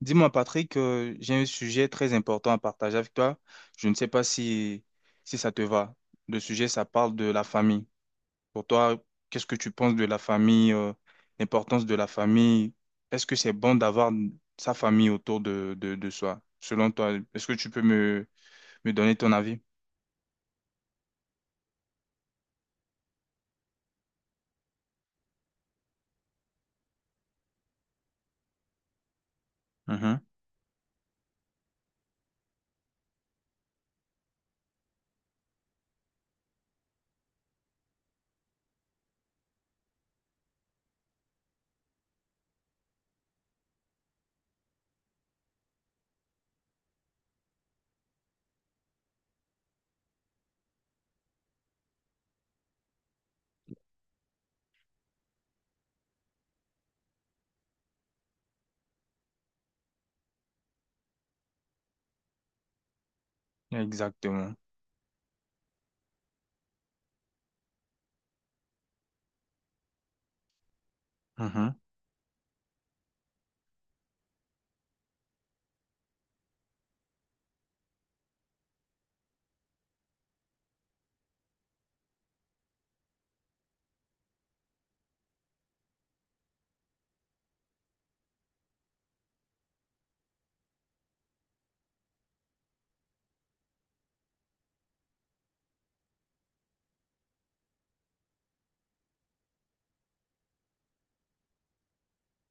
Dis-moi, Patrick, j'ai un sujet très important à partager avec toi. Je ne sais pas si ça te va. Le sujet, ça parle de la famille. Pour toi, qu'est-ce que tu penses de la famille, l'importance de la famille? Est-ce que c'est bon d'avoir sa famille autour de soi? Selon toi, est-ce que tu peux me donner ton avis? Mhm. Exactement. Mhm.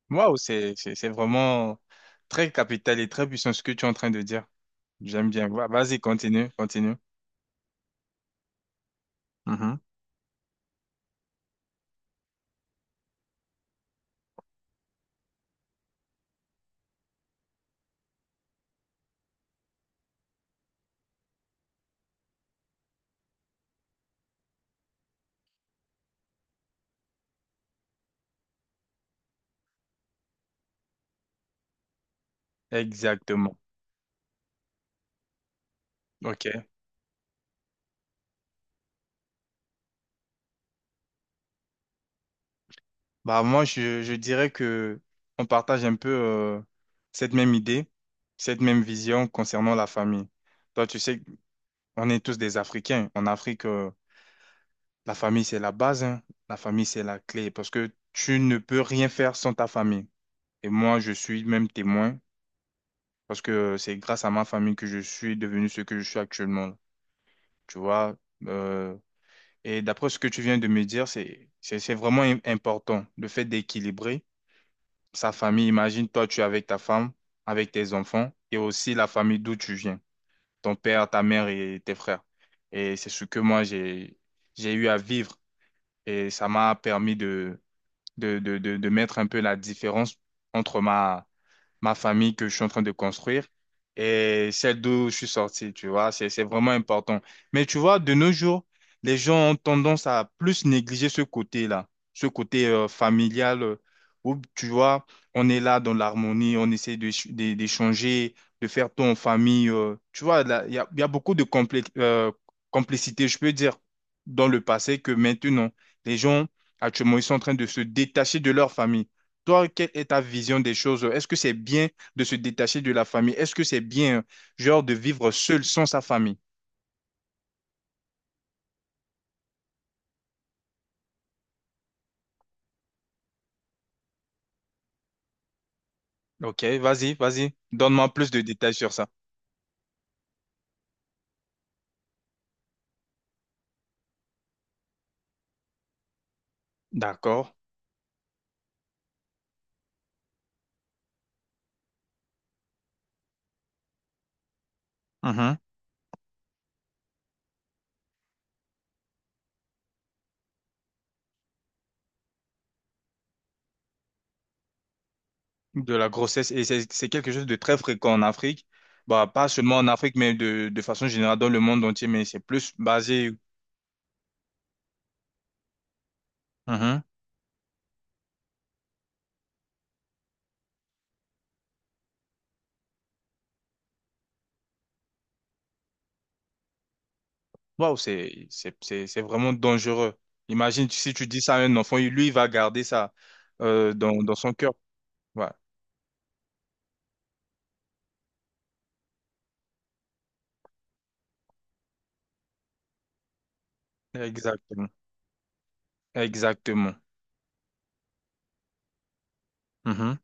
Waouh, c'est vraiment très capital et très puissant ce que tu es en train de dire. J'aime bien. Vas-y, continue, continue. Mhm. Exactement. Ok. Bah je dirais que on partage un peu cette même idée, cette même vision concernant la famille. Toi tu sais, on est tous des Africains. En Afrique, la famille c'est la base, hein. La famille c'est la clé parce que tu ne peux rien faire sans ta famille. Et moi je suis même témoin parce que c'est grâce à ma famille que je suis devenu ce que je suis actuellement. Là. Tu vois. euh, et d'après ce que tu viens de me dire, c'est vraiment important le fait d'équilibrer sa famille. Imagine, toi, tu es avec ta femme, avec tes enfants et aussi la famille d'où tu viens, ton père, ta mère et tes frères. Et c'est ce que moi, j'ai eu à vivre et ça m'a permis de mettre un peu la différence entre ma famille que je suis en train de construire et celle d'où je suis sorti, tu vois, c'est vraiment important. Mais tu vois, de nos jours, les gens ont tendance à plus négliger ce côté-là, ce côté familial où, tu vois, on est là dans l'harmonie, on essaie d'échanger, de faire tout en famille. Tu vois, là, il y a beaucoup de complicité, je peux dire, dans le passé que maintenant, les gens, actuellement, ils sont en train de se détacher de leur famille. Toi, quelle est ta vision des choses? Est-ce que c'est bien de se détacher de la famille? Est-ce que c'est bien, genre, de vivre seul sans sa famille? Ok, vas-y, vas-y. Donne-moi plus de détails sur ça. D'accord. Mhm. De la grossesse, et c'est quelque chose de très fréquent en Afrique. Bah, pas seulement en Afrique, mais de façon générale dans le monde entier, mais c'est plus basé. Mhm. Waouh, c'est vraiment dangereux. Imagine si tu dis ça à un enfant, lui, il va garder ça dans son cœur. Ouais, exactement. Exactement. Mhm.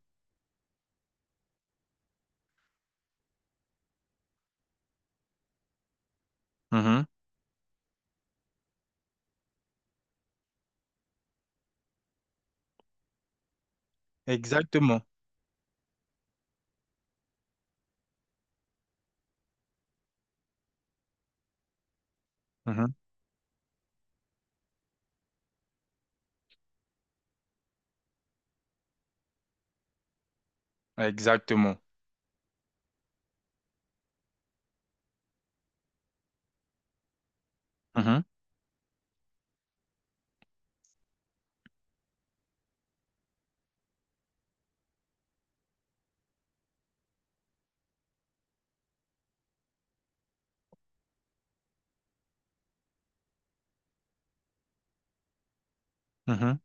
Mhm. Exactement. Mhm. Exactement. Mhm. Mhm.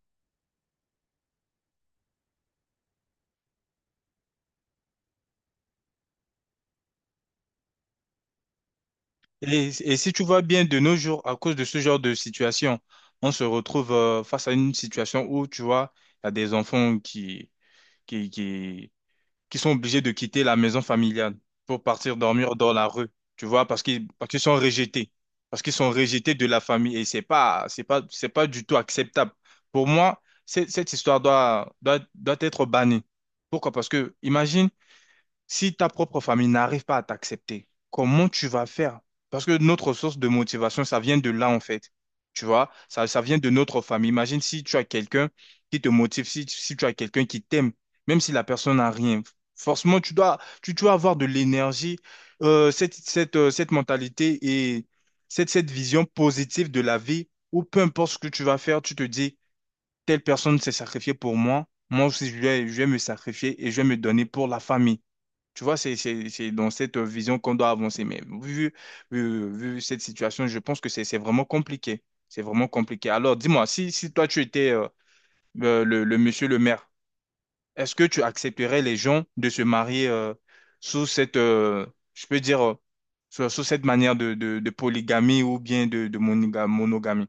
Et si tu vois bien, de nos jours, à cause de ce genre de situation, on se retrouve face à une situation où, tu vois, il y a des enfants qui, qui, qui, qui sont obligés de quitter la maison familiale pour partir dormir dans la rue, tu vois, parce qu'ils sont rejetés, parce qu'ils sont rejetés de la famille. Et c'est pas du tout acceptable. Pour moi, cette histoire doit être bannie. Pourquoi? Parce que, imagine, si ta propre famille n'arrive pas à t'accepter, comment tu vas faire? Parce que notre source de motivation, ça vient de là, en fait. Tu vois, ça vient de notre famille. Imagine si tu as quelqu'un qui te motive, si tu as quelqu'un qui t'aime, même si la personne n'a rien. Forcément, tu dois avoir de l'énergie, cette mentalité et cette vision positive de la vie, où peu importe ce que tu vas faire, tu te dis, telle personne s'est sacrifiée pour moi, moi aussi je vais me sacrifier et je vais me donner pour la famille. Tu vois, c'est dans cette vision qu'on doit avancer. Mais vu cette situation, je pense que c'est vraiment compliqué. C'est vraiment compliqué. Alors, dis-moi, si toi, tu étais le monsieur le maire, est-ce que tu accepterais les gens de se marier sous cette, je peux dire, sous cette manière de polygamie ou bien de monogamie?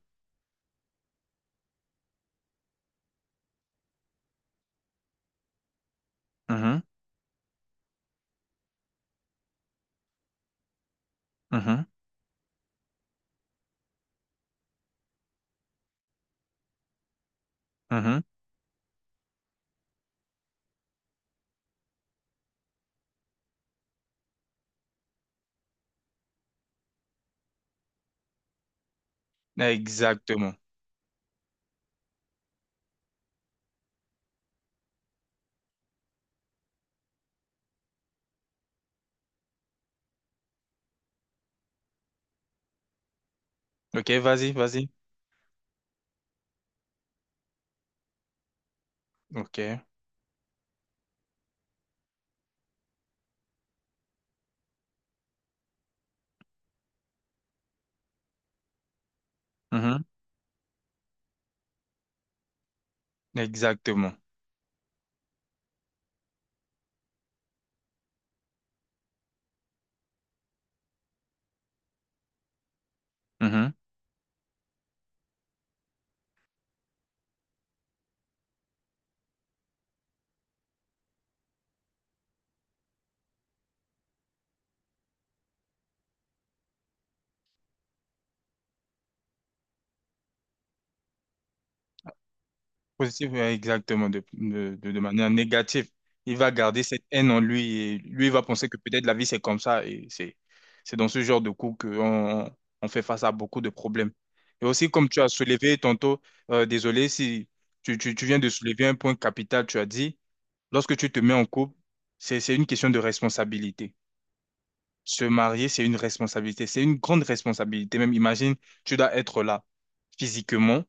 Mhm. Mhm. Mhm. Exactement. OK, vas-y, vas-y. OK. Mhm. Exactement. Positif, ouais, exactement, de manière négative. Il va garder cette haine en lui et lui il va penser que peut-être la vie c'est comme ça et c'est dans ce genre de coup qu'on on fait face à beaucoup de problèmes. Et aussi, comme tu as soulevé tantôt, désolé si tu viens de soulever un point capital, tu as dit, lorsque tu te mets en couple, c'est une question de responsabilité. Se marier, c'est une responsabilité, c'est une grande responsabilité. Même imagine, tu dois être là physiquement,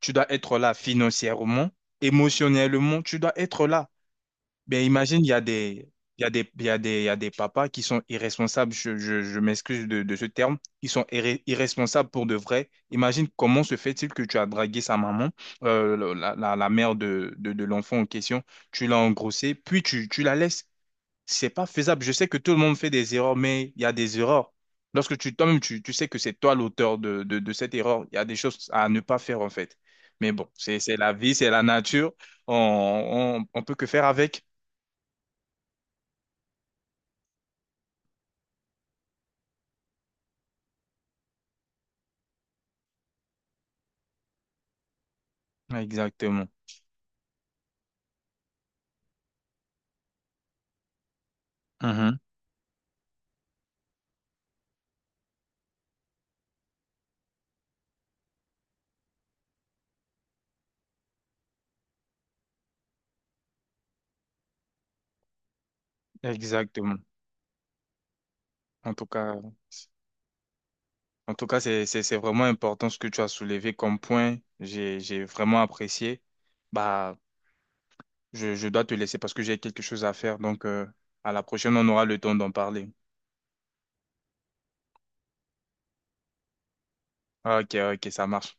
tu dois être là financièrement, émotionnellement, tu dois être là. Ben imagine, il y a des, il y a des, il y a des, il y a des papas qui sont irresponsables, je m'excuse de ce terme, ils sont irresponsables pour de vrai. Imagine comment se fait-il que tu as dragué sa maman, la mère de l'enfant en question, tu l'as engrossée, puis tu la laisses. C'est pas faisable. Je sais que tout le monde fait des erreurs, mais il y a des erreurs. Lorsque toi-même, tu sais que c'est toi l'auteur de cette erreur, il y a des choses à ne pas faire, en fait. Mais bon, c'est la vie, c'est la nature. On, on peut que faire avec. Exactement. Mhm. Exactement. En tout cas, en tout cas, c'est vraiment important ce que tu as soulevé comme point. J'ai vraiment apprécié. Bah, je dois te laisser parce que j'ai quelque chose à faire. Donc, à la prochaine, on aura le temps d'en parler. Ok, ok, ça marche.